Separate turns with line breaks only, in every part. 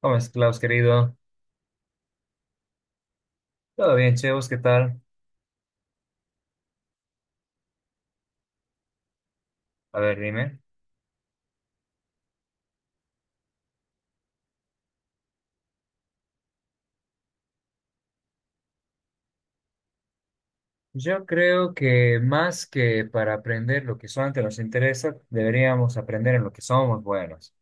¿Cómo estás, Klaus, querido? Todo bien, Chevos, ¿qué tal? A ver, dime. Yo creo que más que para aprender lo que solamente nos interesa, deberíamos aprender en lo que somos buenos.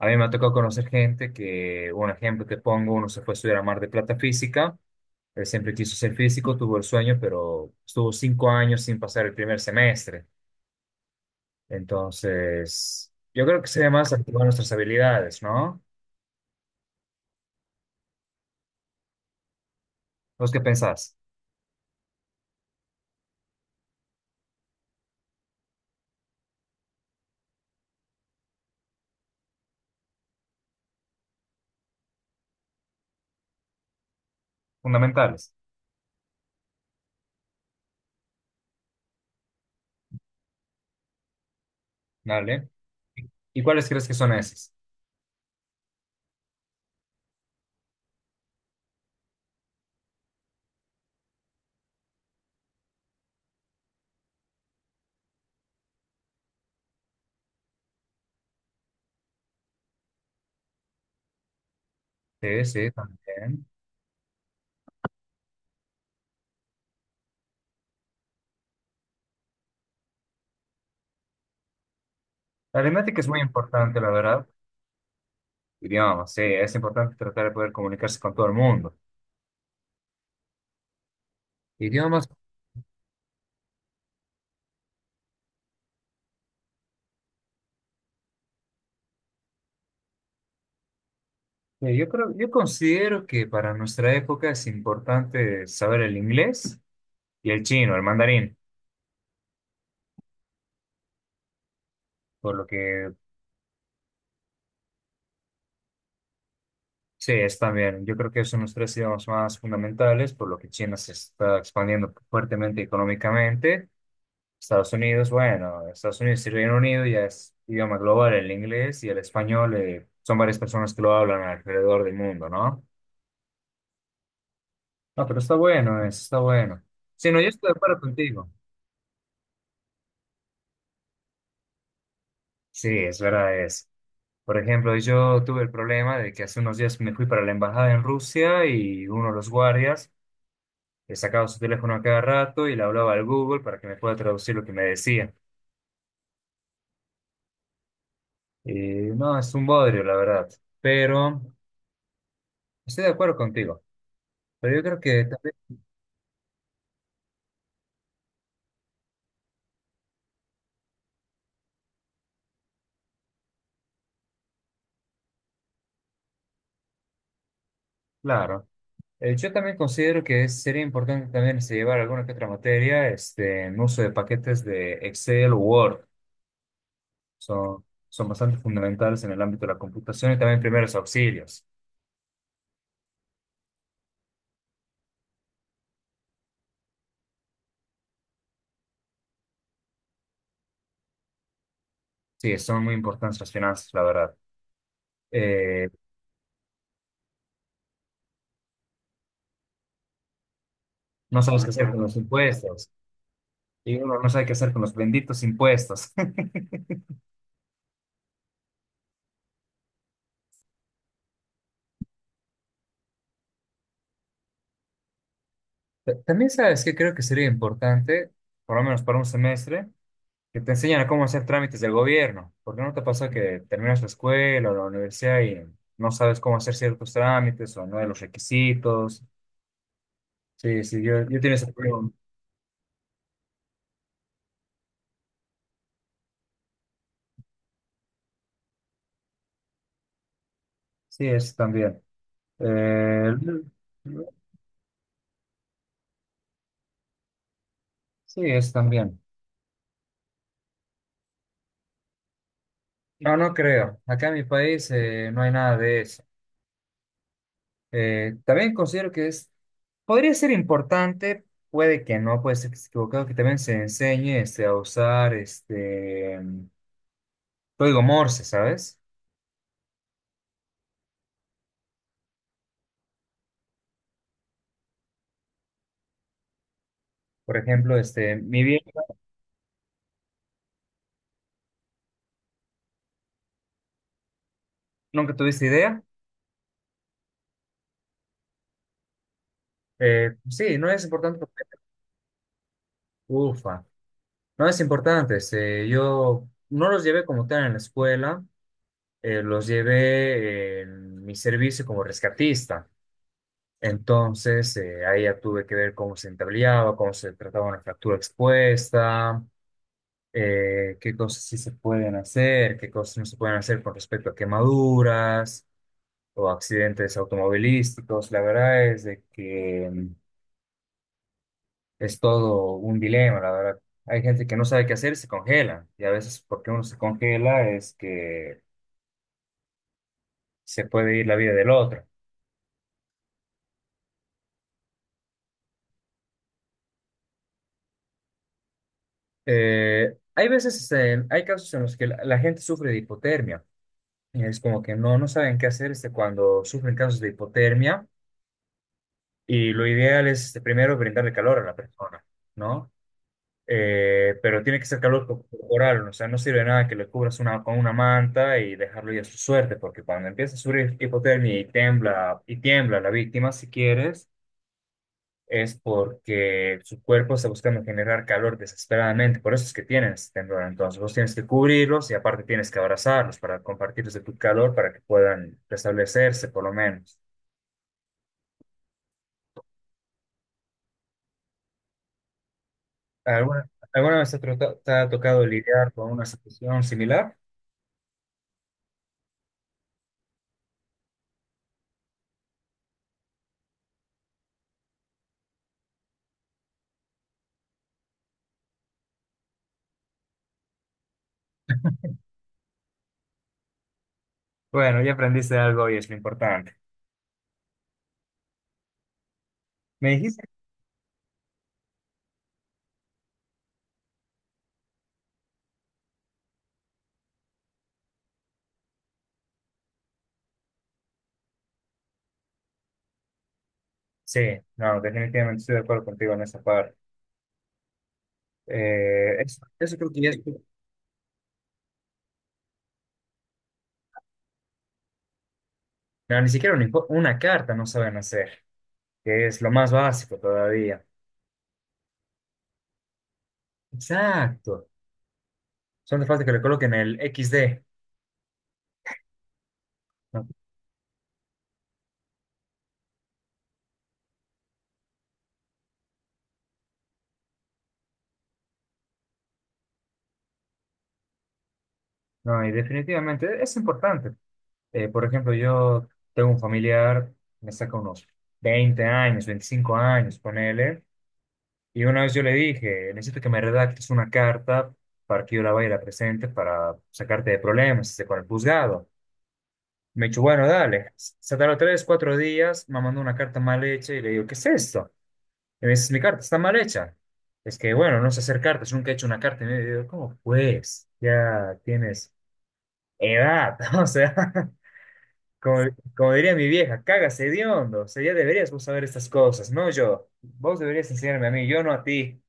A mí me ha tocado conocer gente que, un ejemplo te pongo, uno se fue a estudiar a Mar de Plata física, él siempre quiso ser físico, tuvo el sueño, pero estuvo 5 años sin pasar el primer semestre. Entonces, yo creo que sería más activar nuestras habilidades, ¿no? ¿Vos qué pensás? Fundamentales. ¿Vale? ¿Y cuáles crees que son esas? Sí, sí, también. La aritmética es muy importante, la verdad. Idiomas, sí, es importante tratar de poder comunicarse con todo el mundo. Idiomas, yo creo, yo considero que para nuestra época es importante saber el inglés y el chino, el mandarín, por lo que sí, es también. Yo creo que son los tres idiomas más fundamentales, por lo que China se está expandiendo fuertemente económicamente. Estados Unidos, bueno, Estados Unidos y Reino Unido ya es idioma global, el inglés y el español, son varias personas que lo hablan alrededor del mundo, ¿no? No, pero está bueno, eso está bueno. Sí, no, yo estoy de acuerdo contigo. Sí, es verdad es. Por ejemplo, yo tuve el problema de que hace unos días me fui para la embajada en Rusia y uno de los guardias le sacaba su teléfono a cada rato y le hablaba al Google para que me pueda traducir lo que me decía. Y no, es un bodrio, la verdad. Pero estoy de acuerdo contigo. Pero yo creo que también. Claro. Yo también considero que sería importante también este, llevar alguna que otra materia este, en uso de paquetes de Excel o Word. Son, son bastante fundamentales en el ámbito de la computación y también primeros auxilios. Sí, son muy importantes las finanzas, la verdad. Eh, no sabes qué hacer con los impuestos y uno no sabe qué hacer con los benditos impuestos. También sabes que creo que sería importante, por lo menos para un semestre, que te enseñan a cómo hacer trámites del gobierno. Porque no te pasa que terminas la escuela o la universidad y ¿no sabes cómo hacer ciertos trámites o no de los requisitos? Sí, sí, yo tengo ese problema. Sí, es también. Eh, sí, es también. No, no creo. Acá en mi país no hay nada de eso. También considero que es, podría ser importante, puede que no, puede ser que esté equivocado, que también se enseñe este, a usar este código Morse, ¿sabes? Por ejemplo, este, mi bien, nunca tuviste idea. Sí, no es importante porque, ufa, no es importante. Este, yo no los llevé como tal en la escuela, los llevé en mi servicio como rescatista. Entonces, ahí ya tuve que ver cómo se entablillaba, cómo se trataba una fractura expuesta, qué cosas sí se pueden hacer, qué cosas no se pueden hacer con respecto a quemaduras o accidentes automovilísticos. La verdad es de que es todo un dilema, la verdad. Hay gente que no sabe qué hacer y se congela. Y a veces porque uno se congela es que se puede ir la vida del otro. Hay veces, hay casos en los que la gente sufre de hipotermia. Y es como que no, no saben qué hacer este, cuando sufren casos de hipotermia. Y lo ideal es este, primero brindarle calor a la persona, ¿no? Pero tiene que ser calor corporal, o sea, no sirve nada que le cubras una, con una manta y dejarlo ya a su suerte, porque cuando empieza a sufrir hipotermia y tiembla la víctima, si quieres, es porque su cuerpo está buscando generar calor desesperadamente, por eso es que tienes temblor, entonces vos tienes que cubrirlos y aparte tienes que abrazarlos para compartirles de tu calor para que puedan restablecerse por lo menos. ¿Alguna, alguna vez te ha tocado lidiar con una situación similar? Bueno, ya aprendiste algo y es lo importante. Me dijiste. Sí, no, definitivamente estoy de acuerdo contigo en esa parte. Eso, eso creo que ya es... No, ni siquiera un una carta no saben hacer, que es lo más básico todavía. Exacto. Son de falta que le coloquen el XD. No, no, y definitivamente es importante. Por ejemplo, yo tengo un familiar, me saca unos 20 años, 25 años, ponele, y una vez yo le dije, necesito que me redactes una carta para que yo la vaya y la presente para sacarte de problemas este, con el juzgado. Me dicho, bueno, dale, se tardó 3, 4 días, me mandó una carta mal hecha y le digo, ¿qué es esto? Y me dice, mi carta está mal hecha. Es que, bueno, no sé hacer cartas, nunca he hecho una carta. Y me digo, ¿cómo pues? Ya tienes edad, o sea, como, como diría mi vieja, cagas hediondo, o sea, ya deberías vos saber estas cosas, no yo. Vos deberías enseñarme a mí, yo no a ti.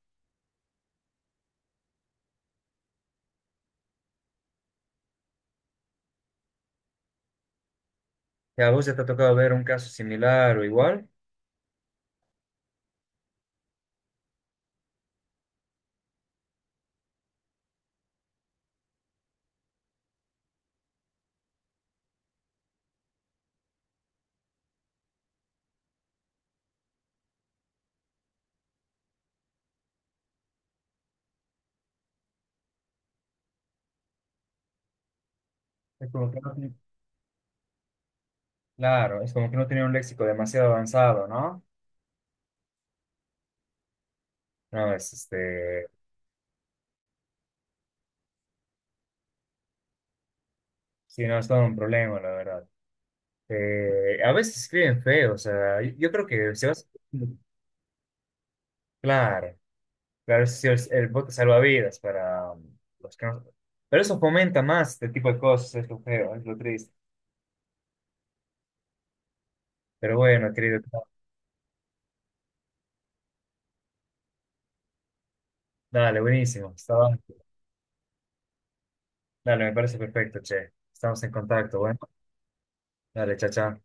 Ya, vos ya te ha tocado ver un caso similar o igual. Es como que no, claro, es como que no tenía un léxico demasiado avanzado, ¿no? No, es este. Sí, no es todo un problema, la verdad. A veces escriben feo, o sea, yo creo que si vas... Claro, claro, si el bote salvavidas para los que no... Pero eso fomenta más este tipo de cosas, es lo feo, es lo triste. Pero bueno, querido, dale, buenísimo, estaba... Dale, me parece perfecto, che. Estamos en contacto, bueno. Dale, chao, chao.